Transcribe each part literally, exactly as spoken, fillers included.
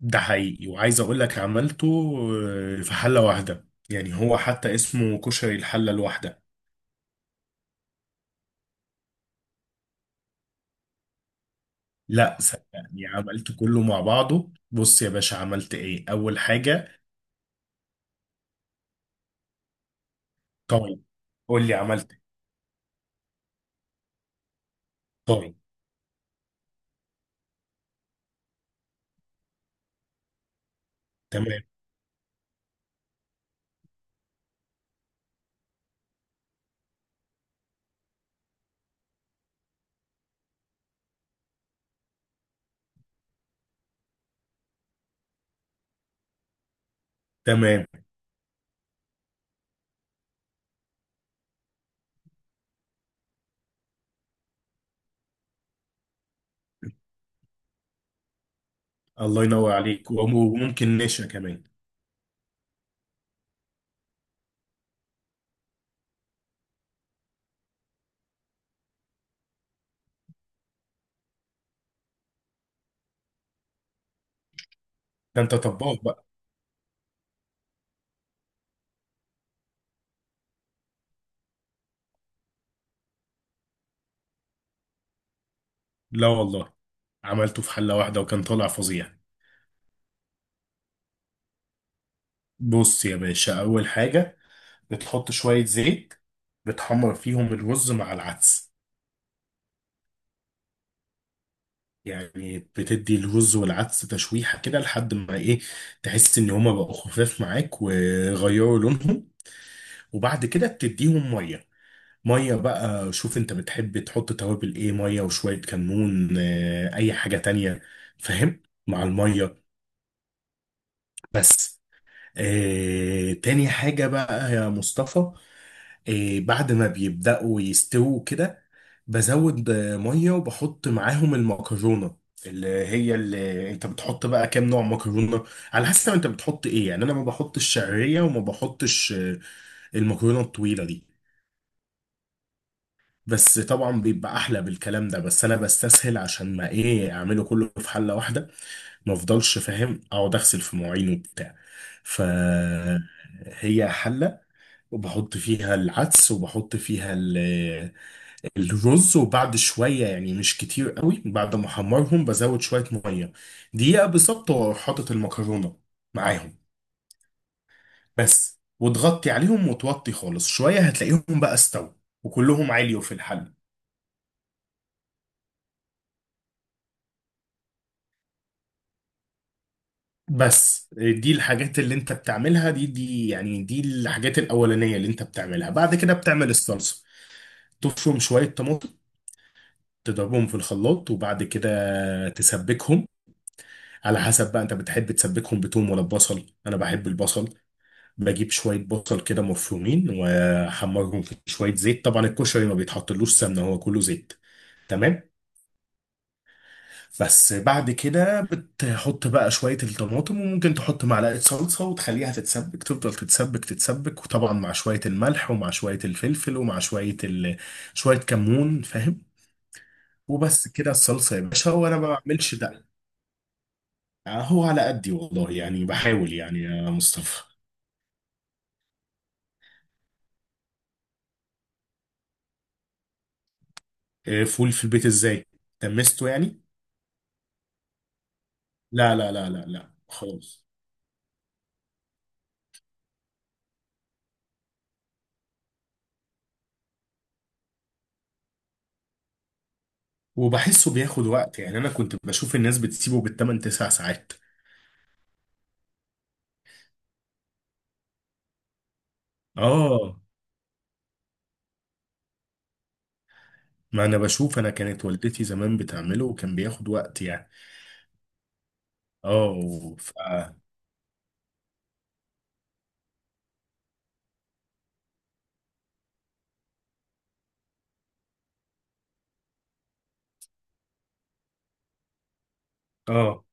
ده حقيقي وعايز اقول لك عملته آه، في حلة واحدة، يعني هو حتى اسمه كشري الحلة الواحدة. لا، صدقني عملته كله مع بعضه. بص يا باشا، عملت ايه اول حاجة. طيب، قول لي عملت إيه؟ طيب. تمام. تمام. الله ينور عليك، وم- وممكن نشا كمان. ده انت طباخ بقى. لا والله، عملته في حلة واحدة وكان طالع فظيع. بص يا باشا، اول حاجة بتحط شوية زيت. بتحمر فيهم الرز مع العدس. يعني بتدي الرز والعدس تشويحة كده لحد ما ايه، تحس ان هما بقوا خفاف معاك وغيروا لونهم. وبعد كده بتديهم مية. مية بقى، شوف انت بتحب تحط توابل ايه، مية وشوية كمون، آه، اي حاجة تانية، فاهم، مع المية بس. آه، تاني حاجة بقى يا مصطفى، آه، بعد ما بيبدأوا يستووا كده، بزود آه، مية وبحط معاهم المكرونة، اللي هي اللي انت بتحط بقى كام نوع مكرونة. على حسب انت بتحط ايه، يعني انا ما بحطش شعرية وما بحطش آه، المكرونة الطويلة دي. بس طبعا بيبقى احلى بالكلام ده، بس انا بستسهل عشان ما ايه اعمله كله في حلة واحدة، ما افضلش فاهم اقعد اغسل في مواعين وبتاع. ف هي حلة، وبحط فيها العدس وبحط فيها ال- الرز، وبعد شوية يعني مش كتير قوي، بعد ما احمرهم بزود شوية مية، دقيقة بالظبط وأروح حاطط المكرونة معاهم بس. وتغطي عليهم وتوطي خالص شوية، هتلاقيهم بقى استووا وكلهم عاليوا في الحل. بس دي الحاجات اللي انت بتعملها، دي دي يعني دي الحاجات الأولانية اللي انت بتعملها. بعد كده بتعمل الصلصة. تفرم شوية طماطم، تضربهم في الخلاط، وبعد كده تسبكهم. على حسب بقى انت بتحب تسبكهم بتوم ولا ببصل، انا بحب البصل. بجيب شويه بصل كده مفرومين واحمرهم في شويه زيت، طبعا الكشري ما بيتحطلوش سمنه، هو كله زيت. تمام. بس بعد كده بتحط بقى شويه الطماطم، وممكن تحط معلقه صلصه وتخليها تتسبك، تفضل تتسبك تتسبك، وطبعا مع شويه الملح ومع شويه الفلفل ومع شويه ال... شويه كمون، فاهم. وبس كده الصلصه يا باشا، وانا ما بعملش ده. هو على قدي والله، يعني بحاول يعني يا مصطفى. آه، فول في البيت ازاي؟ دمسته يعني؟ لا، لا، لا، لا، لا، خالص. وبحسه بياخد وقت، يعني انا كنت بشوف الناس بتسيبه بالثمان تسع ساعات. اه، ما انا بشوف، انا كانت والدتي زمان بتعمله وكان بياخد وقت يعني. اه و- ف اه،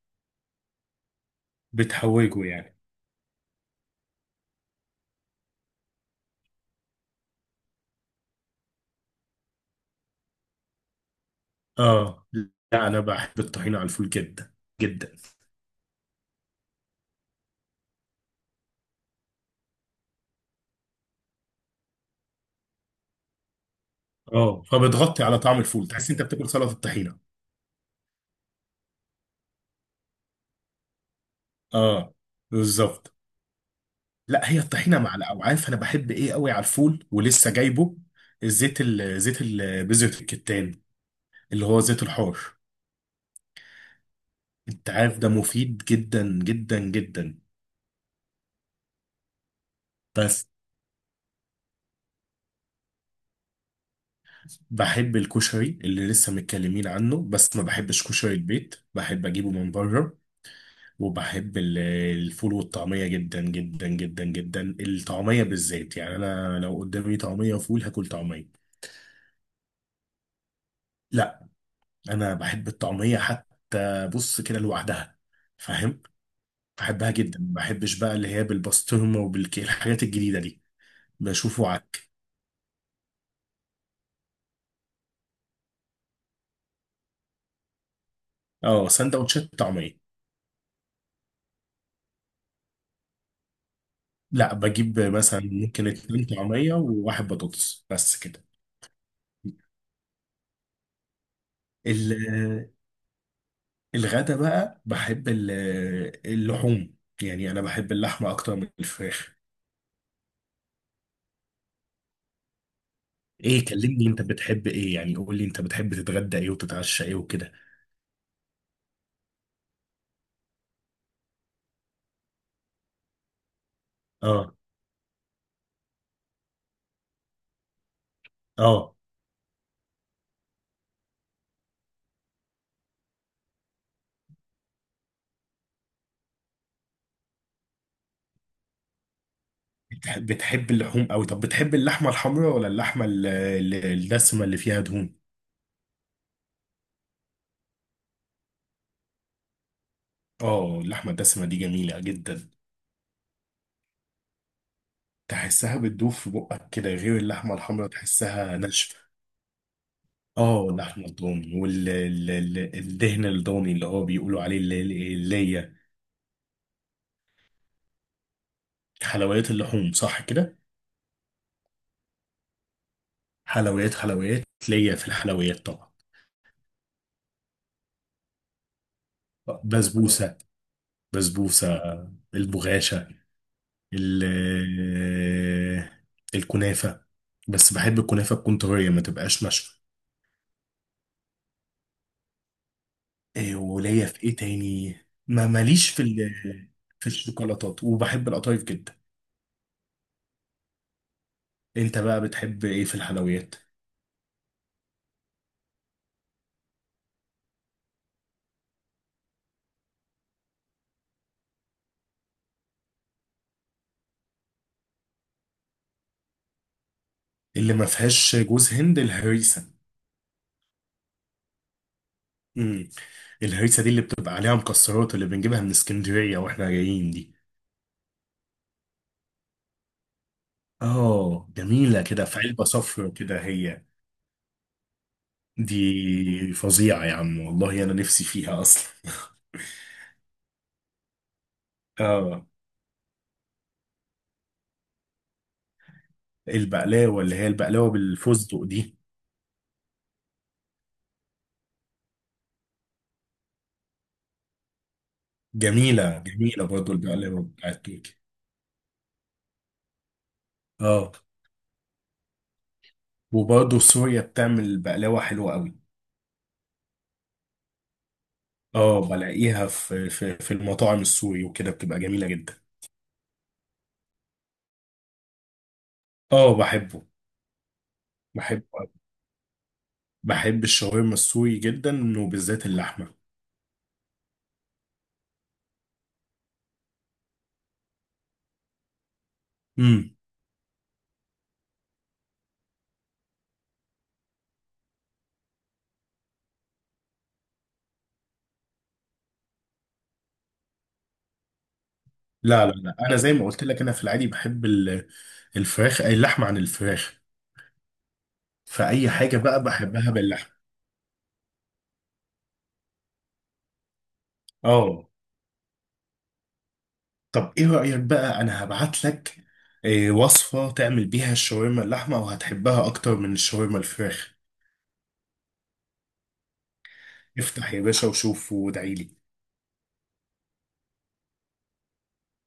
بتحوجه يعني. اه، لا انا بحب الطحينه على الفول جدا جدا. اه، فبتغطي على طعم الفول، تحس انت بتاكل سلطه الطحينه. اه، بالظبط. لا، هي الطحينه مع الاوعاف انا بحب ايه قوي على الفول، ولسه جايبه الزيت ال- زيت ال- بذره الكتان، اللي هو زيت الحار. انت عارف ده مفيد جدا جدا جدا. بس بحب الكشري اللي لسه متكلمين عنه، بس ما بحبش كشري البيت، بحب اجيبه من بره. وبحب ال- الفول والطعميه جدا جدا جدا جدا، الطعميه بالذات، يعني انا لو قدامي طعميه وفول هاكل طعميه. لا، انا بحب الطعميه حتى بص كده لوحدها، فاهم. بحبها جدا، ما بحبش بقى اللي هي بالبسطرمه وبالكيل، الحاجات الجديده دي. بشوفه عك. اه، سندوتشات طعميه. لا، بجيب مثلا ممكن اتنين طعميه وواحد بطاطس بس كده. ال- الغدا بقى بحب ال- اللحوم، يعني انا بحب اللحمه اكتر من الفراخ. ايه، كلمني انت بتحب ايه، يعني قول لي انت بتحب تتغدى ايه وتتعشى ايه وكده. اه. اه، بتح- بتحب اللحوم قوي. طب بتحب اللحمه الحمراء ولا اللحمه ال- ال- الدسمه اللي فيها دهون؟ اه، اللحمة الدسمة دي جميلة جدا. تحسها بتدوب في بقك كده، غير اللحمة الحمرا تحسها ناشفة. اه، اللحمة الضاني والدهن الضاني، اللي هو بيقولوا عليه اللي اللي هي. حلويات اللحوم صح كده؟ حلويات، حلويات. ليا في الحلويات طبعا. بسبوسة. بسبوسة. البغاشة. ال- آه، الكنافة. بس بحب الكنافة تكون طرية، ما تبقاش ناشفة. إيه، وليا في ايه تاني؟ ما ماليش في ال- في الشوكولاتات، وبحب القطايف جدا. انت بقى بتحب ايه في الحلويات؟ اللي ما فيهاش جوز هند الهريسه. امم. الهريسه دي اللي بتبقى عليها مكسرات، اللي بنجيبها من اسكندريه واحنا جايين دي. اه، جميله كده في علبه صفرا كده، هي دي. فظيعه يا عم والله، انا نفسي فيها اصلا اه، البقلاوه، اللي هي البقلاوه بالفستق دي. جميله، جميله برضو البقلاوه بتاعت تركي. اه، وبرضه سوريا بتعمل بقلاوة حلوة قوي. اه، بلاقيها في في في المطاعم السوري وكده بتبقى جميلة جدا. اه، بحبه. بحبه أوي. بحب الشاورما السوري جدا، وبالذات اللحمة. امم. لا، لا، لا، انا زي ما قلت لك، انا في العادي بحب ال- الفراخ، أي اللحمة عن الفراخ. فأي حاجة بقى بحبها باللحمة. اه، طب ايه رأيك بقى، انا هبعت لك آه، وصفة تعمل بيها الشاورما اللحمة، وهتحبها اكتر من الشاورما الفراخ. افتح يا باشا وشوف، وادعيلي.